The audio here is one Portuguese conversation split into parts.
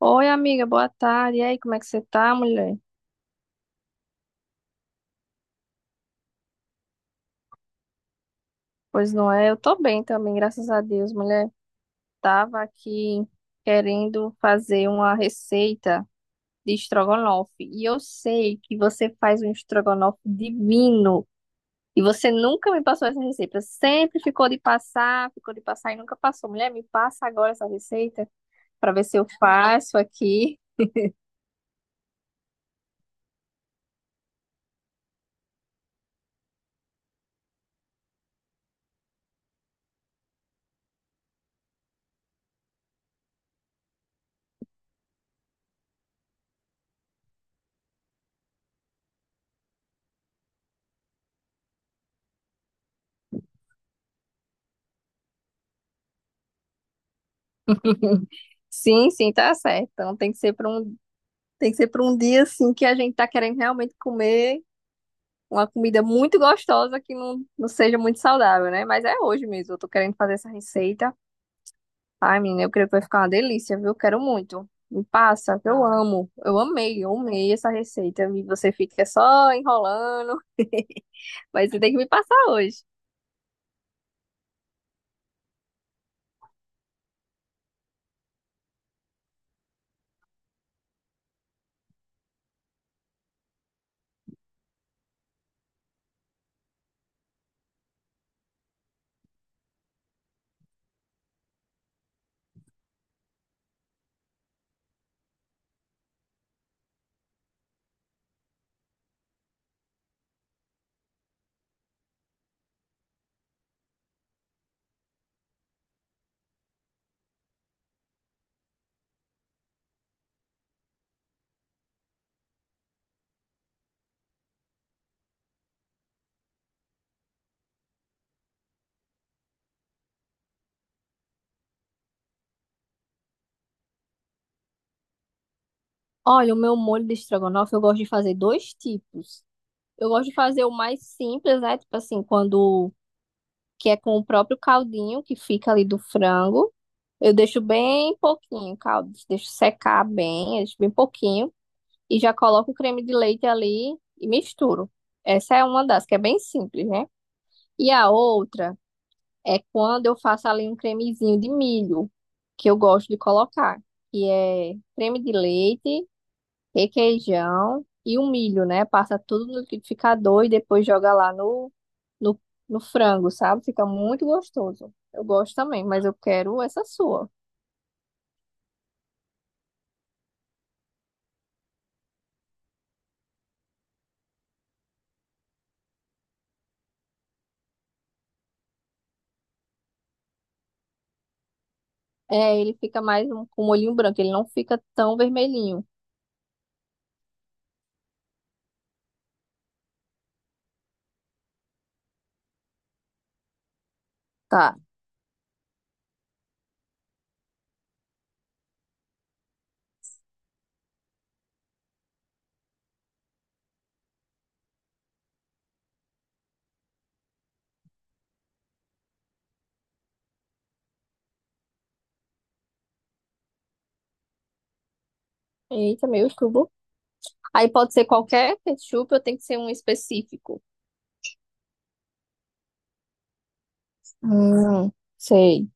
Oi, amiga, boa tarde. E aí, como é que você tá, mulher? Pois não é, eu tô bem também, graças a Deus, mulher. Tava aqui querendo fazer uma receita de estrogonofe. E eu sei que você faz um estrogonofe divino. E você nunca me passou essa receita. Sempre ficou de passar e nunca passou. Mulher, me passa agora essa receita pra ver se eu faço aqui. Sim, sim, tá certo. Então tem que ser para um dia assim que a gente tá querendo realmente comer uma comida muito gostosa que não seja muito saudável, né? Mas é hoje mesmo, eu tô querendo fazer essa receita. Ai, menina, eu creio que vai ficar uma delícia, viu? Quero muito. Me passa, que eu amo. Eu amei essa receita. E você fica só enrolando, mas você tem que me passar hoje. Olha, o meu molho de estrogonofe, eu gosto de fazer dois tipos. Eu gosto de fazer o mais simples, né? Tipo assim, quando que é com o próprio caldinho que fica ali do frango. Eu deixo bem pouquinho o caldo, deixo secar bem, eu deixo bem pouquinho e já coloco o creme de leite ali e misturo. Essa é uma das que é bem simples, né? E a outra é quando eu faço ali um cremezinho de milho, que eu gosto de colocar, que é creme de leite, requeijão e o milho, né? Passa tudo no liquidificador e depois joga lá no, no frango, sabe? Fica muito gostoso. Eu gosto também, mas eu quero essa sua. É, ele fica mais um, com molhinho branco, ele não fica tão vermelhinho. Tá. Eita, meu cubo. Aí pode ser qualquer ketchup, eu tenho que ser um específico. Hum, sei.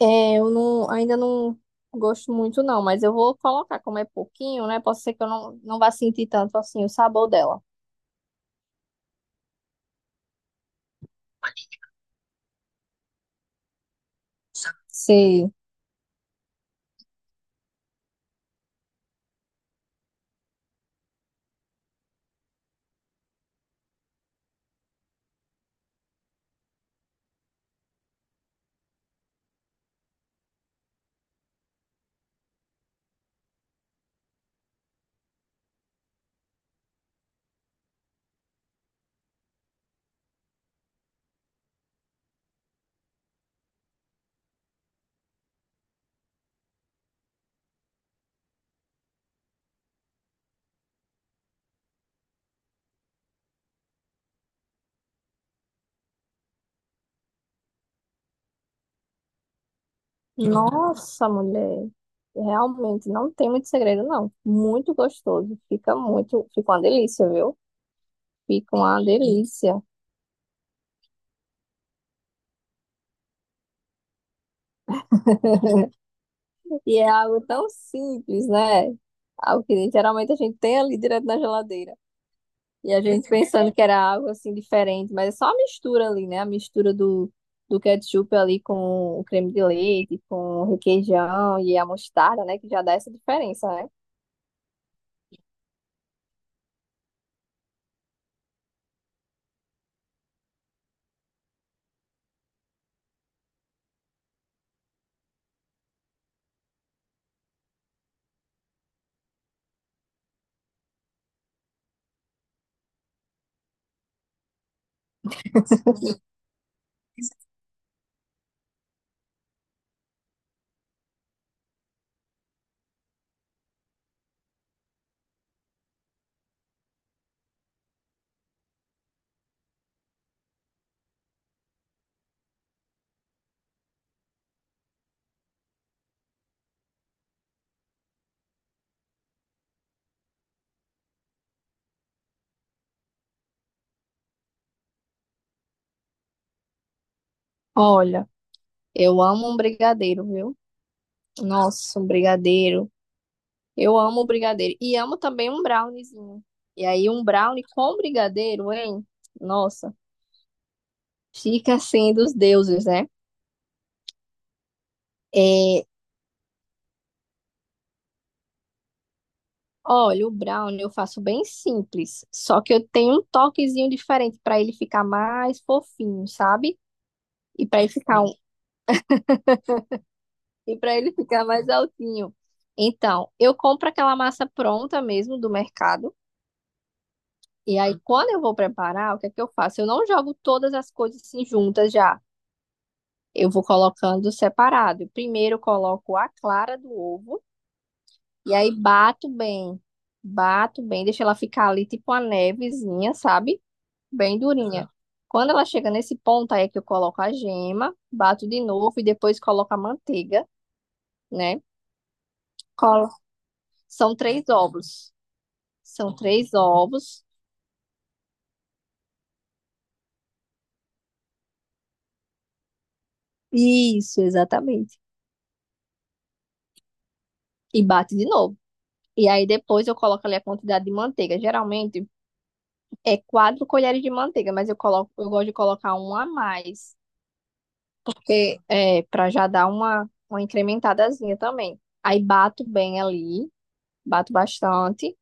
É, eu não, ainda não gosto muito não, mas eu vou colocar, como é pouquinho, né? Pode ser que eu não vá sentir tanto assim o sabor dela. Sei. Nossa, mulher, realmente não tem muito segredo, não. Muito gostoso, fica uma delícia, viu? Fica uma delícia. E é algo tão simples, né? Algo que geralmente a gente tem ali direto na geladeira. E a gente pensando que era algo assim diferente, mas é só a mistura ali, né? A mistura do ketchup ali com o creme de leite, com o requeijão e a mostarda, né? Que já dá essa diferença, né? Olha, eu amo um brigadeiro, viu? Nossa, um brigadeiro. Eu amo brigadeiro. E amo também um browniezinho. E aí, um brownie com brigadeiro, hein? Nossa, fica assim dos deuses, né? É, olha, o brownie eu faço bem simples. Só que eu tenho um toquezinho diferente para ele ficar mais fofinho, sabe? E para ele ficar um, e para ele ficar mais altinho. Então, eu compro aquela massa pronta mesmo do mercado. E aí, quando eu vou preparar, o que é que eu faço? Eu não jogo todas as coisas assim juntas já. Eu vou colocando separado. Primeiro eu coloco a clara do ovo e aí bato bem. Bato bem, deixo ela ficar ali tipo uma nevezinha, sabe? Bem durinha. Quando ela chega nesse ponto, aí é que eu coloco a gema, bato de novo e depois coloco a manteiga, né? Colo... São três ovos. São três ovos. Isso, exatamente. E bate de novo. E aí depois eu coloco ali a quantidade de manteiga. Geralmente é quatro colheres de manteiga, mas eu coloco, eu gosto de colocar uma a mais, porque é para já dar uma incrementadazinha também. Aí bato bem ali, bato bastante,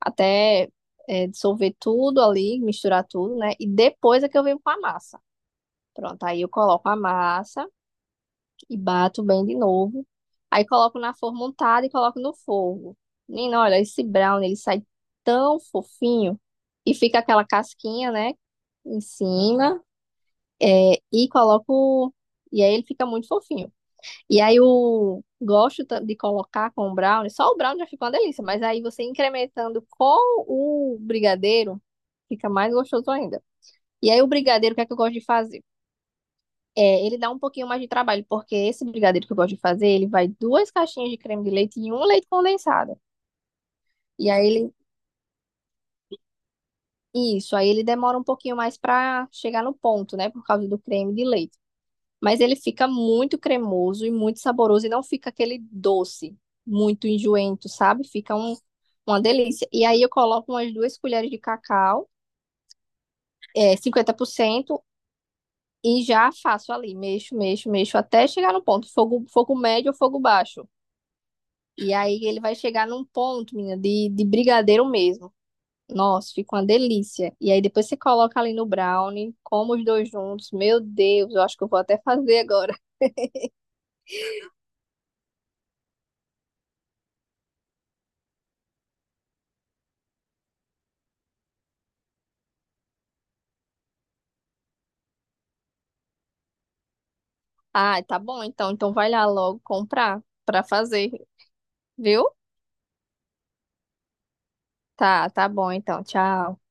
até dissolver tudo ali, misturar tudo, né? E depois é que eu venho com a massa. Pronto, aí eu coloco a massa e bato bem de novo. Aí coloco na forma untada e coloco no fogo. Menina, olha, esse brownie, ele sai tão fofinho e fica aquela casquinha, né, em cima. É, e coloco. E aí ele fica muito fofinho. E aí eu gosto de colocar com o brownie. Só o brownie já fica uma delícia, mas aí você incrementando com o brigadeiro, fica mais gostoso ainda. E aí o brigadeiro, o que é que eu gosto de fazer? É, ele dá um pouquinho mais de trabalho, porque esse brigadeiro que eu gosto de fazer, ele vai duas caixinhas de creme de leite e um leite condensado. E aí ele. Isso, aí ele demora um pouquinho mais pra chegar no ponto, né? Por causa do creme de leite. Mas ele fica muito cremoso e muito saboroso e não fica aquele doce muito enjoento, sabe? Uma delícia. E aí eu coloco umas duas colheres de cacau, é, 50%, e já faço ali, mexo, mexo, mexo, até chegar no ponto, fogo médio ou fogo baixo. E aí ele vai chegar num ponto, menina, de brigadeiro mesmo. Nossa, fica uma delícia. E aí depois você coloca ali no brownie, como os dois juntos. Meu Deus, eu acho que eu vou até fazer agora. Ah, tá bom então. Então vai lá logo comprar pra fazer, viu? Tá, tá bom então. Tchau.